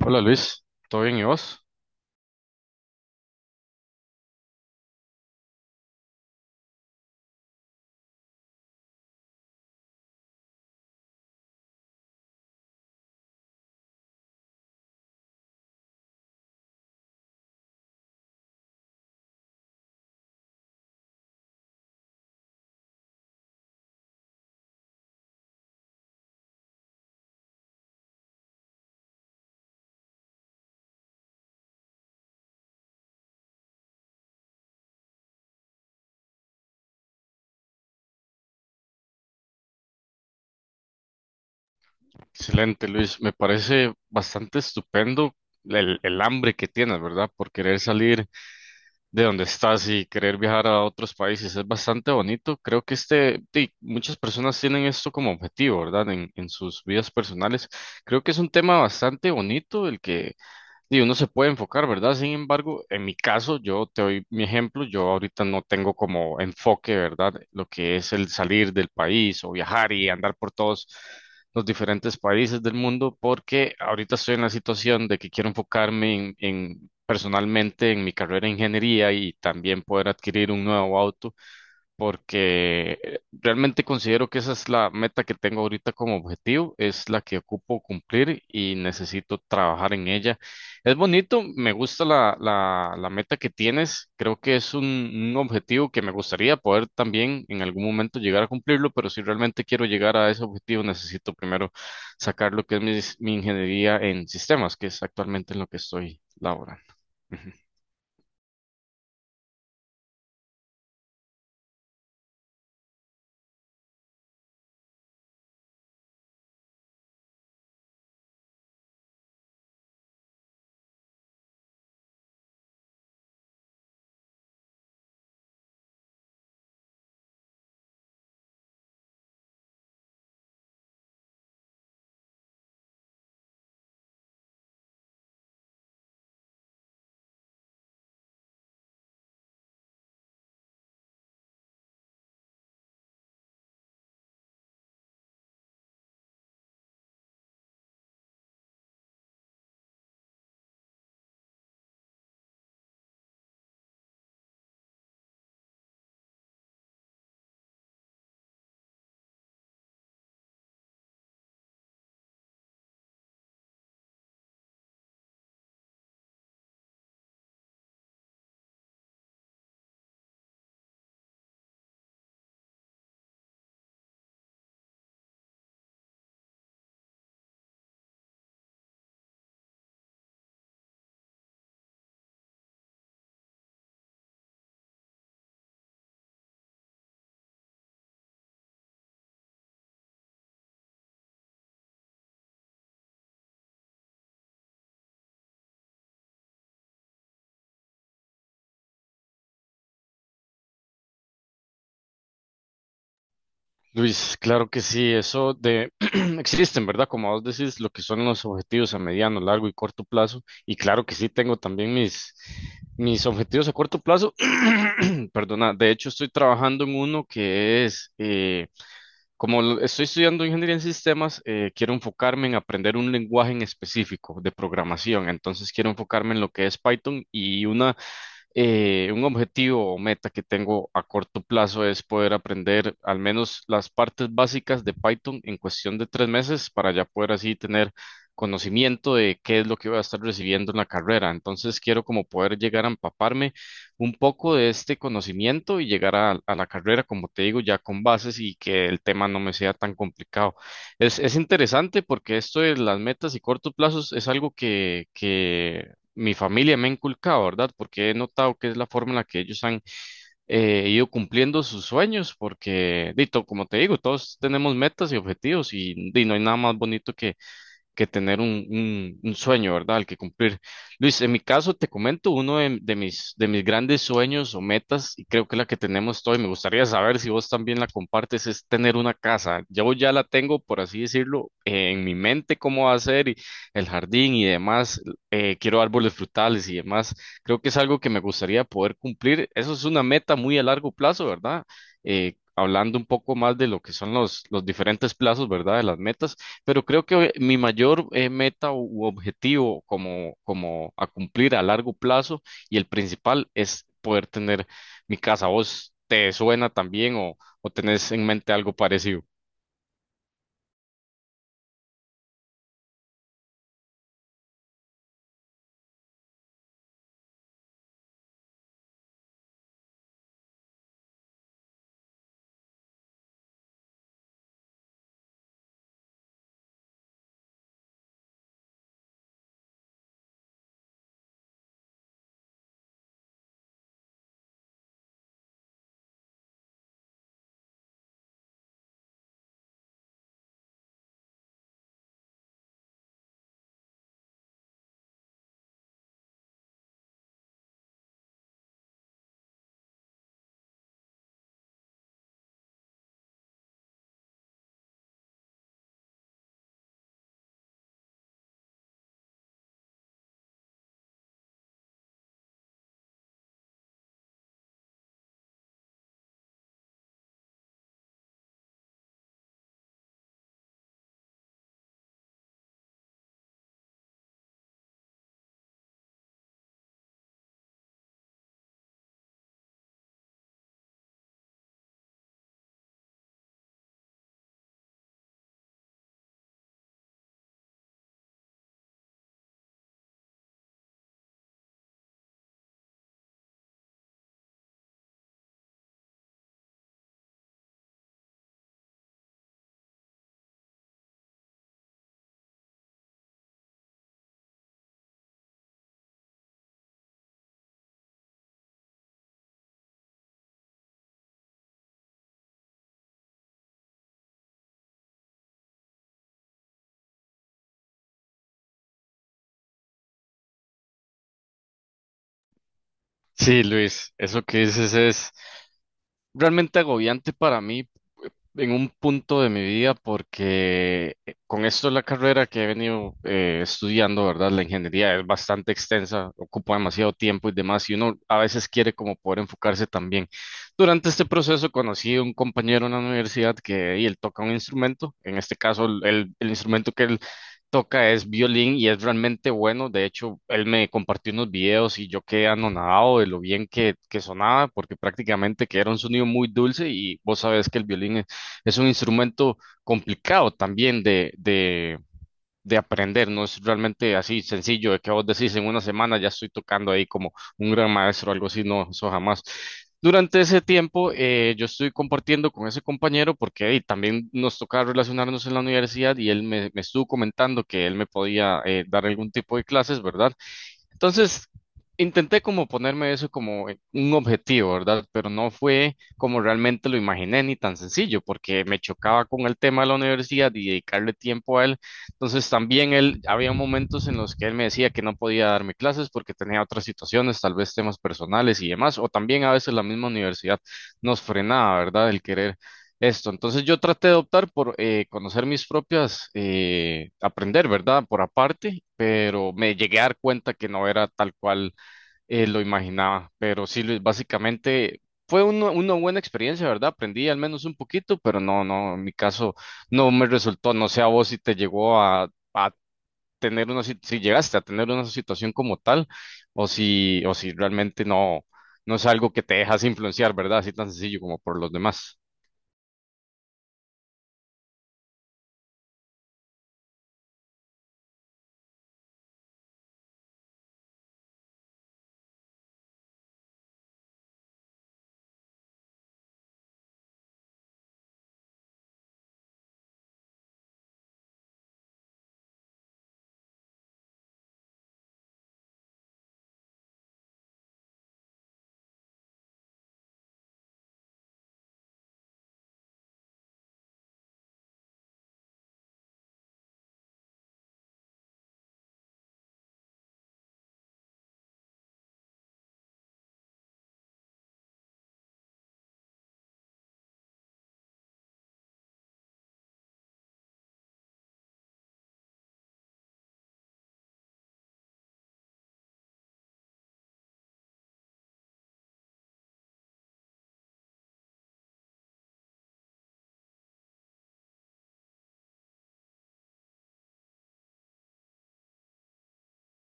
Hola Luis, ¿todo bien y vos? Excelente Luis, me parece bastante estupendo el hambre que tienes, ¿verdad? Por querer salir de donde estás y querer viajar a otros países, es bastante bonito. Creo que este, sí, muchas personas tienen esto como objetivo, ¿verdad? En sus vidas personales. Creo que es un tema bastante bonito el que. Y uno se puede enfocar, ¿verdad? Sin embargo, en mi caso, yo te doy mi ejemplo, yo ahorita no tengo como enfoque, ¿verdad? Lo que es el salir del país o viajar y andar por todos los diferentes países del mundo, porque ahorita estoy en la situación de que quiero enfocarme personalmente en mi carrera de ingeniería y también poder adquirir un nuevo auto porque realmente considero que esa es la meta que tengo ahorita como objetivo, es la que ocupo cumplir y necesito trabajar en ella. Es bonito, me gusta la meta que tienes, creo que es un objetivo que me gustaría poder también en algún momento llegar a cumplirlo, pero si realmente quiero llegar a ese objetivo necesito primero sacar lo que es mi ingeniería en sistemas, que es actualmente en lo que estoy laborando. Luis, claro que sí, eso de existen, ¿verdad? Como vos decís, lo que son los objetivos a mediano, largo y corto plazo. Y claro que sí, tengo también mis objetivos a corto plazo. Perdona, de hecho estoy trabajando en uno que es, como estoy estudiando ingeniería en sistemas, quiero enfocarme en aprender un lenguaje en específico de programación. Entonces quiero enfocarme en lo que es Python y una un objetivo o meta que tengo a corto plazo es poder aprender al menos las partes básicas de Python en cuestión de tres meses para ya poder así tener conocimiento de qué es lo que voy a estar recibiendo en la carrera. Entonces quiero como poder llegar a empaparme un poco de este conocimiento y llegar a la carrera, como te digo, ya con bases y que el tema no me sea tan complicado. Es interesante porque esto de las metas y cortos plazos es algo que mi familia me ha inculcado, ¿verdad? Porque he notado que es la forma en la que ellos han ido cumpliendo sus sueños, porque, dito, como te digo, todos tenemos metas y objetivos y, di, no hay nada más bonito que tener un sueño, ¿verdad? Al que cumplir. Luis, en mi caso, te comento uno de mis grandes sueños o metas, y creo que la que tenemos todos, y me gustaría saber si vos también la compartes, es tener una casa. Yo ya la tengo, por así decirlo, en mi mente cómo va a ser, y el jardín y demás. Quiero árboles frutales y demás. Creo que es algo que me gustaría poder cumplir. Eso es una meta muy a largo plazo, ¿verdad? Hablando un poco más de lo que son los diferentes plazos, ¿verdad? De las metas. Pero creo que mi mayor meta u objetivo como a cumplir a largo plazo y el principal es poder tener mi casa. ¿Vos te suena también o tenés en mente algo parecido? Sí, Luis, eso que dices es realmente agobiante para mí en un punto de mi vida porque con esto la carrera que he venido estudiando, ¿verdad? La ingeniería es bastante extensa, ocupa demasiado tiempo y demás, y uno a veces quiere como poder enfocarse también. Durante este proceso conocí a un compañero en la universidad que y él toca un instrumento, en este caso el instrumento que él toca es violín y es realmente bueno. De hecho, él me compartió unos videos y yo quedé anonadado de lo bien que sonaba, porque prácticamente que era un sonido muy dulce y vos sabés que el violín es un instrumento complicado también de aprender, no es realmente así sencillo de que vos decís en una semana ya estoy tocando ahí como un gran maestro o algo así, no, eso jamás. Durante ese tiempo yo estoy compartiendo con ese compañero porque ahí también nos tocaba relacionarnos en la universidad y él me estuvo comentando que él me podía dar algún tipo de clases, ¿verdad? Entonces, intenté como ponerme eso como un objetivo, ¿verdad? Pero no fue como realmente lo imaginé ni tan sencillo, porque me chocaba con el tema de la universidad y dedicarle tiempo a él. Entonces, también él, había momentos en los que él me decía que no podía darme clases porque tenía otras situaciones, tal vez temas personales y demás, o también a veces la misma universidad nos frenaba, ¿verdad? El querer esto, entonces yo traté de optar por conocer mis propias, aprender, ¿verdad? Por aparte, pero me llegué a dar cuenta que no era tal cual lo imaginaba. Pero sí, Luis, básicamente fue una buena experiencia, ¿verdad? Aprendí al menos un poquito, pero no, no, en mi caso no me resultó. No sé a vos si te llegó a tener una, sit- si llegaste a tener una situación como tal, o si realmente no, no es algo que te dejas influenciar, ¿verdad? Así tan sencillo como por los demás.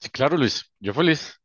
Sí, claro, Luis. Yo feliz.